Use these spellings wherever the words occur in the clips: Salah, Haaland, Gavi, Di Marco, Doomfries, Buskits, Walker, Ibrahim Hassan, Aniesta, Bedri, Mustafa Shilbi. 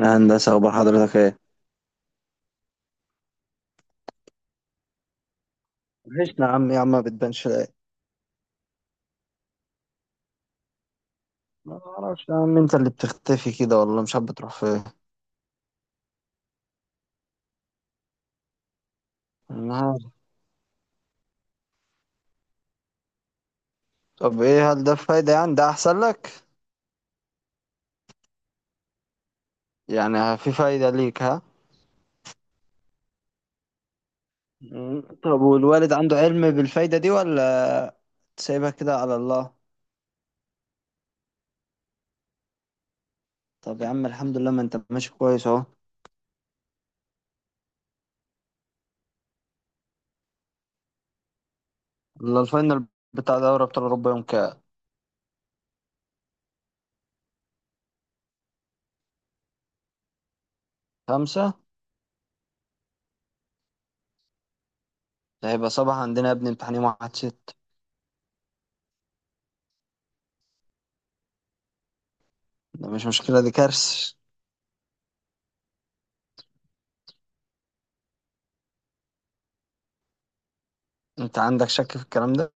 يا هندسة، أخبار حضرتك إيه؟ وحشنا يا عم يا عم، ما بتبانش. لا، ما اعرفش يا عم، انت اللي بتختفي كده، والله مش عارف بتروح فين. أنا عارف. طب ايه، هل ده فايدة؟ يعني ده احسن لك؟ يعني في فايدة ليك، ها؟ مم. طب والوالد عنده علم بالفايدة دي ولا سايبها كده على الله؟ طب يا عم الحمد لله، ما انت ماشي كويس اهو. الا، الفاينل بتاع دوري ابطال اوروبا يوم خمسة، ده هيبقى صباح عندنا يا ابني، امتحان يوم واحد ست. ده مش مشكلة، دي كارثة. انت عندك شك في الكلام ده؟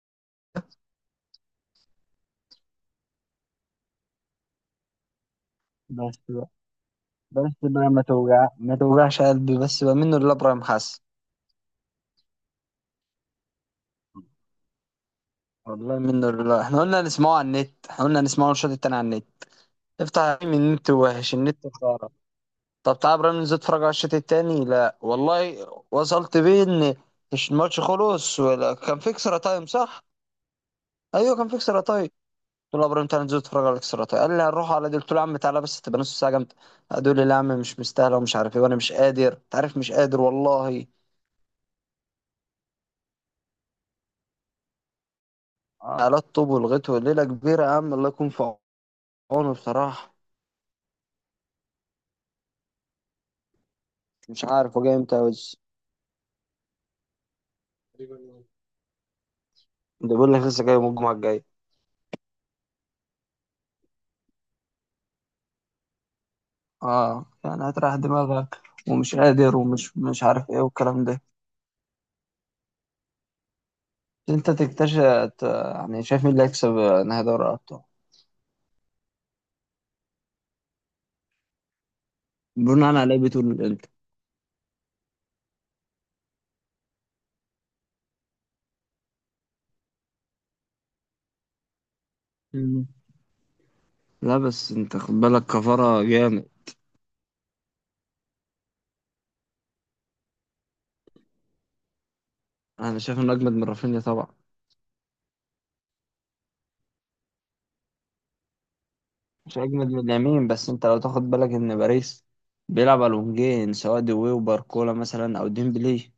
بس بس بقى، ما توجعش قلبي بس بقى، منه لله ابراهيم حسن. والله منه لله، احنا قلنا نسمعه على النت، احنا قلنا نسمعه الشوط التاني على النت. افتح يا حبيبي النت، وحش النت، خرا. طب تعال يا ابراهيم ننزل نتفرج على الشوط التاني، لا والله وصلت بيه ان مش الماتش خلص ولا كان في اكسترا تايم، صح؟ ايوه كان في اكسترا تايم. قلت له يا ابراهيم تعالى ننزل نتفرج على الاكسترا تايم، قال لي هنروح على دي، قلت له يا عم تعالى بس، تبقى نص ساعه جامده. هتقول لي لا يا عم مش مستاهله ومش عارف ايه، وانا مش قادر انت عارف، مش قادر والله. على الطوب، ولغته ليلة كبيرة يا عم، الله يكون في عونه بصراحة. مش عارف هو جاي امتى بس. ده بيقول لك لسه جاي يوم الجمعة الجاية. اه، يعني هتريح دماغك، ومش قادر ومش مش عارف ايه والكلام ده. انت تكتشف، يعني شايف مين اللي هيكسب نهائي دوري الابطال؟ بناء على ايه بتقول الانتر؟ مم. لا بس انت خد بالك، كفارة جامد. انا شايف انه اجمد من رافينيا طبعا. مش اجمد من اليمين، بس انت لو تاخد بالك ان باريس بيلعب على الونجين، سواء دوي وباركولا مثلا او ديمبلي،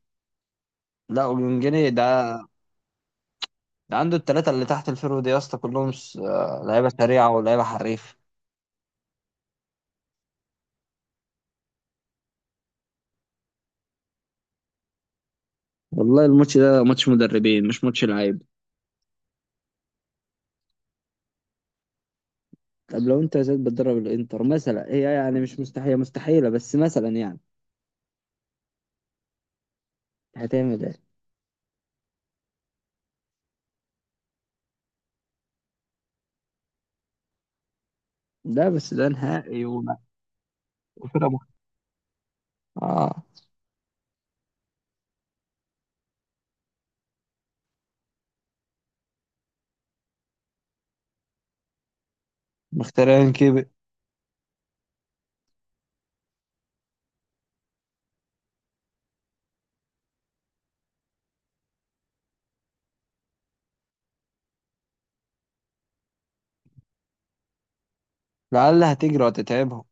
لا وجونجيني ده، ده عنده التلاتة اللي تحت الفيرو دي يا اسطى، كلهم لعيبة سريعة ولعيبة حريف. والله الماتش ده ماتش مدربين، مش ماتش لعيب. طب لو انت يا زيد بتدرب الانتر مثلا، هي يعني مش مستحيله مستحيله بس، مثلا يعني، هتعمل ايه؟ ده بس ده نهائي، وفرقه اه، مخترعين كيبي. لعل هتجري وتتعبهم.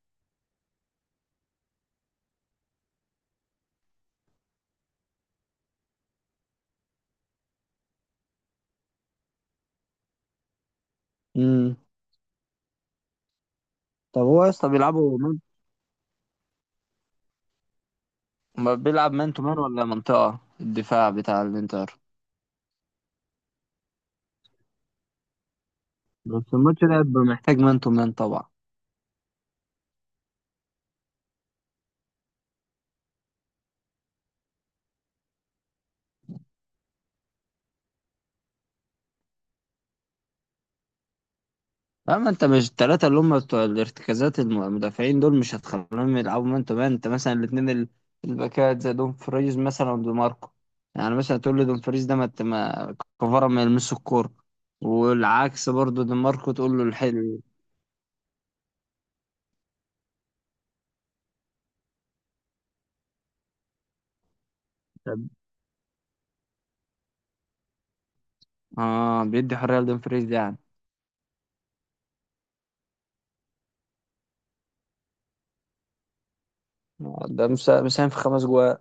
امم. طب هو يا اسطى بيلعبوا ما بيلعب مان تو مان ولا منطقة الدفاع بتاع الانتر؟ بس الماتش ده هيبقى محتاج مان تو مان طبعا. اما انت مش الثلاثه اللي هم بتوع الارتكازات، المدافعين دول مش هتخليهم يلعبوا مان تو مان، انت مثلا الاثنين الباكات زي دومفريز مثلا ودي ماركو، يعني مثلا تقول لي دومفريز ده ما كفاره ما يلمسش الكوره، والعكس برضو دي ماركو تقول له الحلو. اه، بيدي حريه لدومفريز ده يعني. ده مساهم في 5 جوان.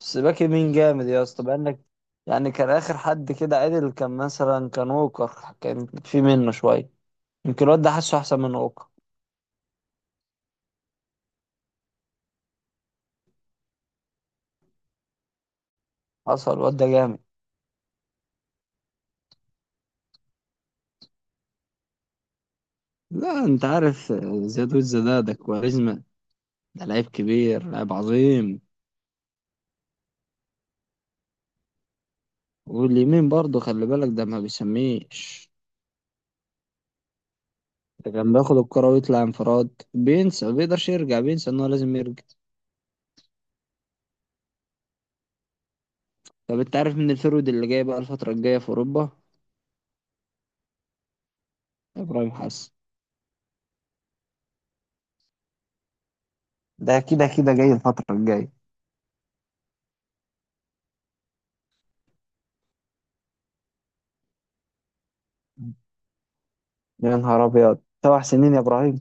بس باك يمين جامد يا اسطى، بانك. يعني كان اخر حد كده عدل كان، مثلا كان ووكر كان في منه شويه، يمكن الواد ده حاسه احسن من ووكر. حصل، الواد ده جامد. لا انت عارف، زياد وزة ده كواريزما، ده لعيب كبير، لعيب عظيم. واليمين برضه خلي بالك، ده ما بيسميش. ده كان بياخد الكرة ويطلع انفراد، بينسى، ما بيقدرش يرجع، بينسى ان هو لازم يرجع. طب انت عارف من الفرود اللي جاي بقى الفترة الجاية في اوروبا؟ ابراهيم حسن. ده كده كده جاي الفترة الجاية. يا نهار ابيض، 7 سنين يا ابراهيم؟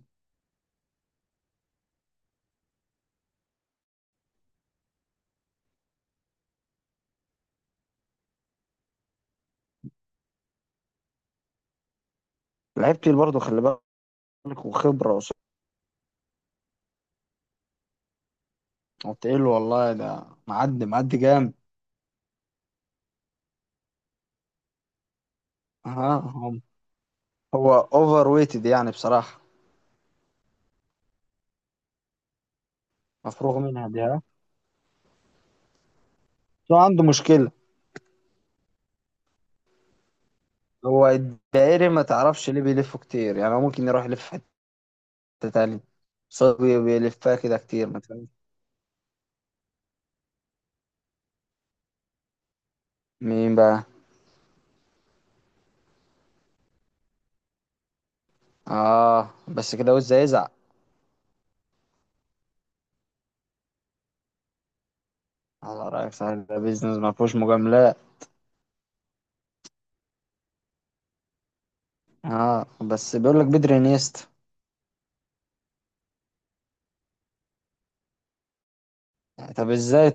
لعيب تقيل برضه، خلي بالك، وخبرة، وتقيل والله، ده معدي معدي جامد. ها هو. هو اوفر ويتد يعني بصراحة، مفروغ منها دي، ها؟ شو عنده مشكلة؟ هو الدائري، ما تعرفش ليه بيلفه كتير؟ يعني هو ممكن يروح يلف في حتة تانية. بس هو بيلفها كده كتير، ما تفهمش مين بقى. اه بس كده، وز يزعق. على رأيك، صحيح، ده بيزنس ما فيهوش مجاملات. اه، بس بيقول لك بدري انيستا! يعني طب ازاي؟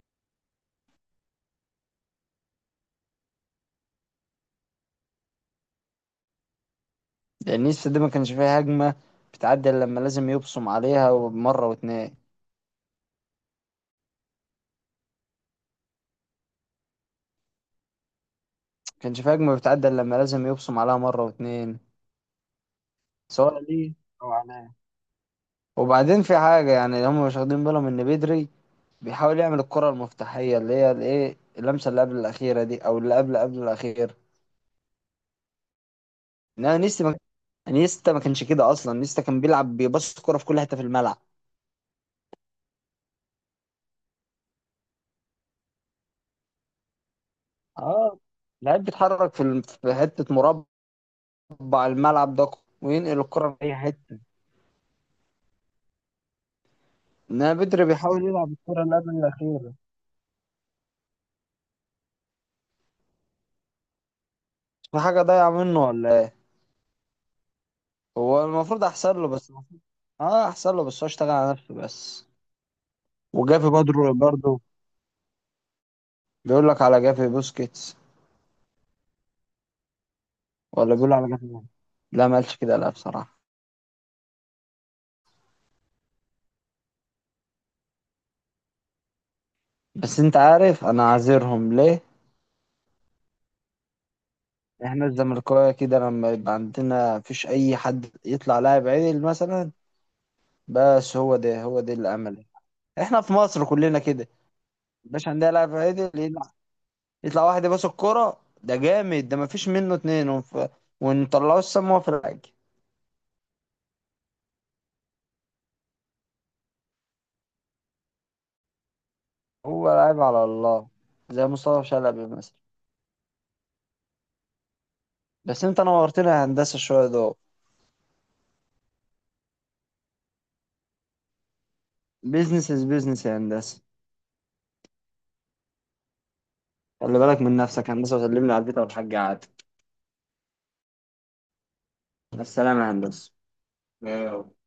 انيستا دي ما كانش فيها هجمة بتعدي إلا لما لازم يبصم عليها مرة واتنين، ما كانش فيها هجمة بتعدي إلا لما لازم يبصم عليها مرة واتنين، سواء ليه أو على. وبعدين في حاجة يعني، هم مش واخدين بالهم إن بدري بيحاول يعمل الكرة المفتاحية، اللي هي الإيه، اللمسة اللي قبل الأخيرة دي، أو اللي قبل قبل الأخير. إنما نيستا ما كانش كده أصلا، نيستا كان بيلعب بيبص الكرة في كل حتة في الملعب. اه. لعيب بيتحرك في حتة مربع الملعب ده، وينقل الكرة في أي حتة. إنما بدري بيحاول يلعب الكرة اللي قبل الأخيرة، في حاجة ضايعة منه ولا إيه؟ هو المفروض أحسن له بس. اه أحسن له بس، هو اشتغل على نفسه بس. وجافي برضه برضه. بيقول لك على جافي بوسكيتس؟ ولا بيقول على جافي مين؟ لا ما قالش كده، لا بصراحة. بس انت عارف انا عاذرهم ليه؟ احنا الزملكاويه كده، لما يبقى عندنا مفيش اي حد يطلع لاعب عدل مثلا، بس هو ده هو ده الامل. احنا في مصر كلنا كده، مش عندنا لاعب عدل يطلع، يطلع واحد يباص الكرة ده جامد ده مفيش منه اتنين، ونطلعوه السما في الحاج. هو لاعب على الله، زي مصطفى شلبي مثلا. بس انت نورتنا يا هندسة، شوية دول. بيزنس از بيزنس يا هندسة. خلي بالك من نفسك يا هندسة، وسلم لي على البيت أو الحاج قعد. السلام يا هندسة. واو.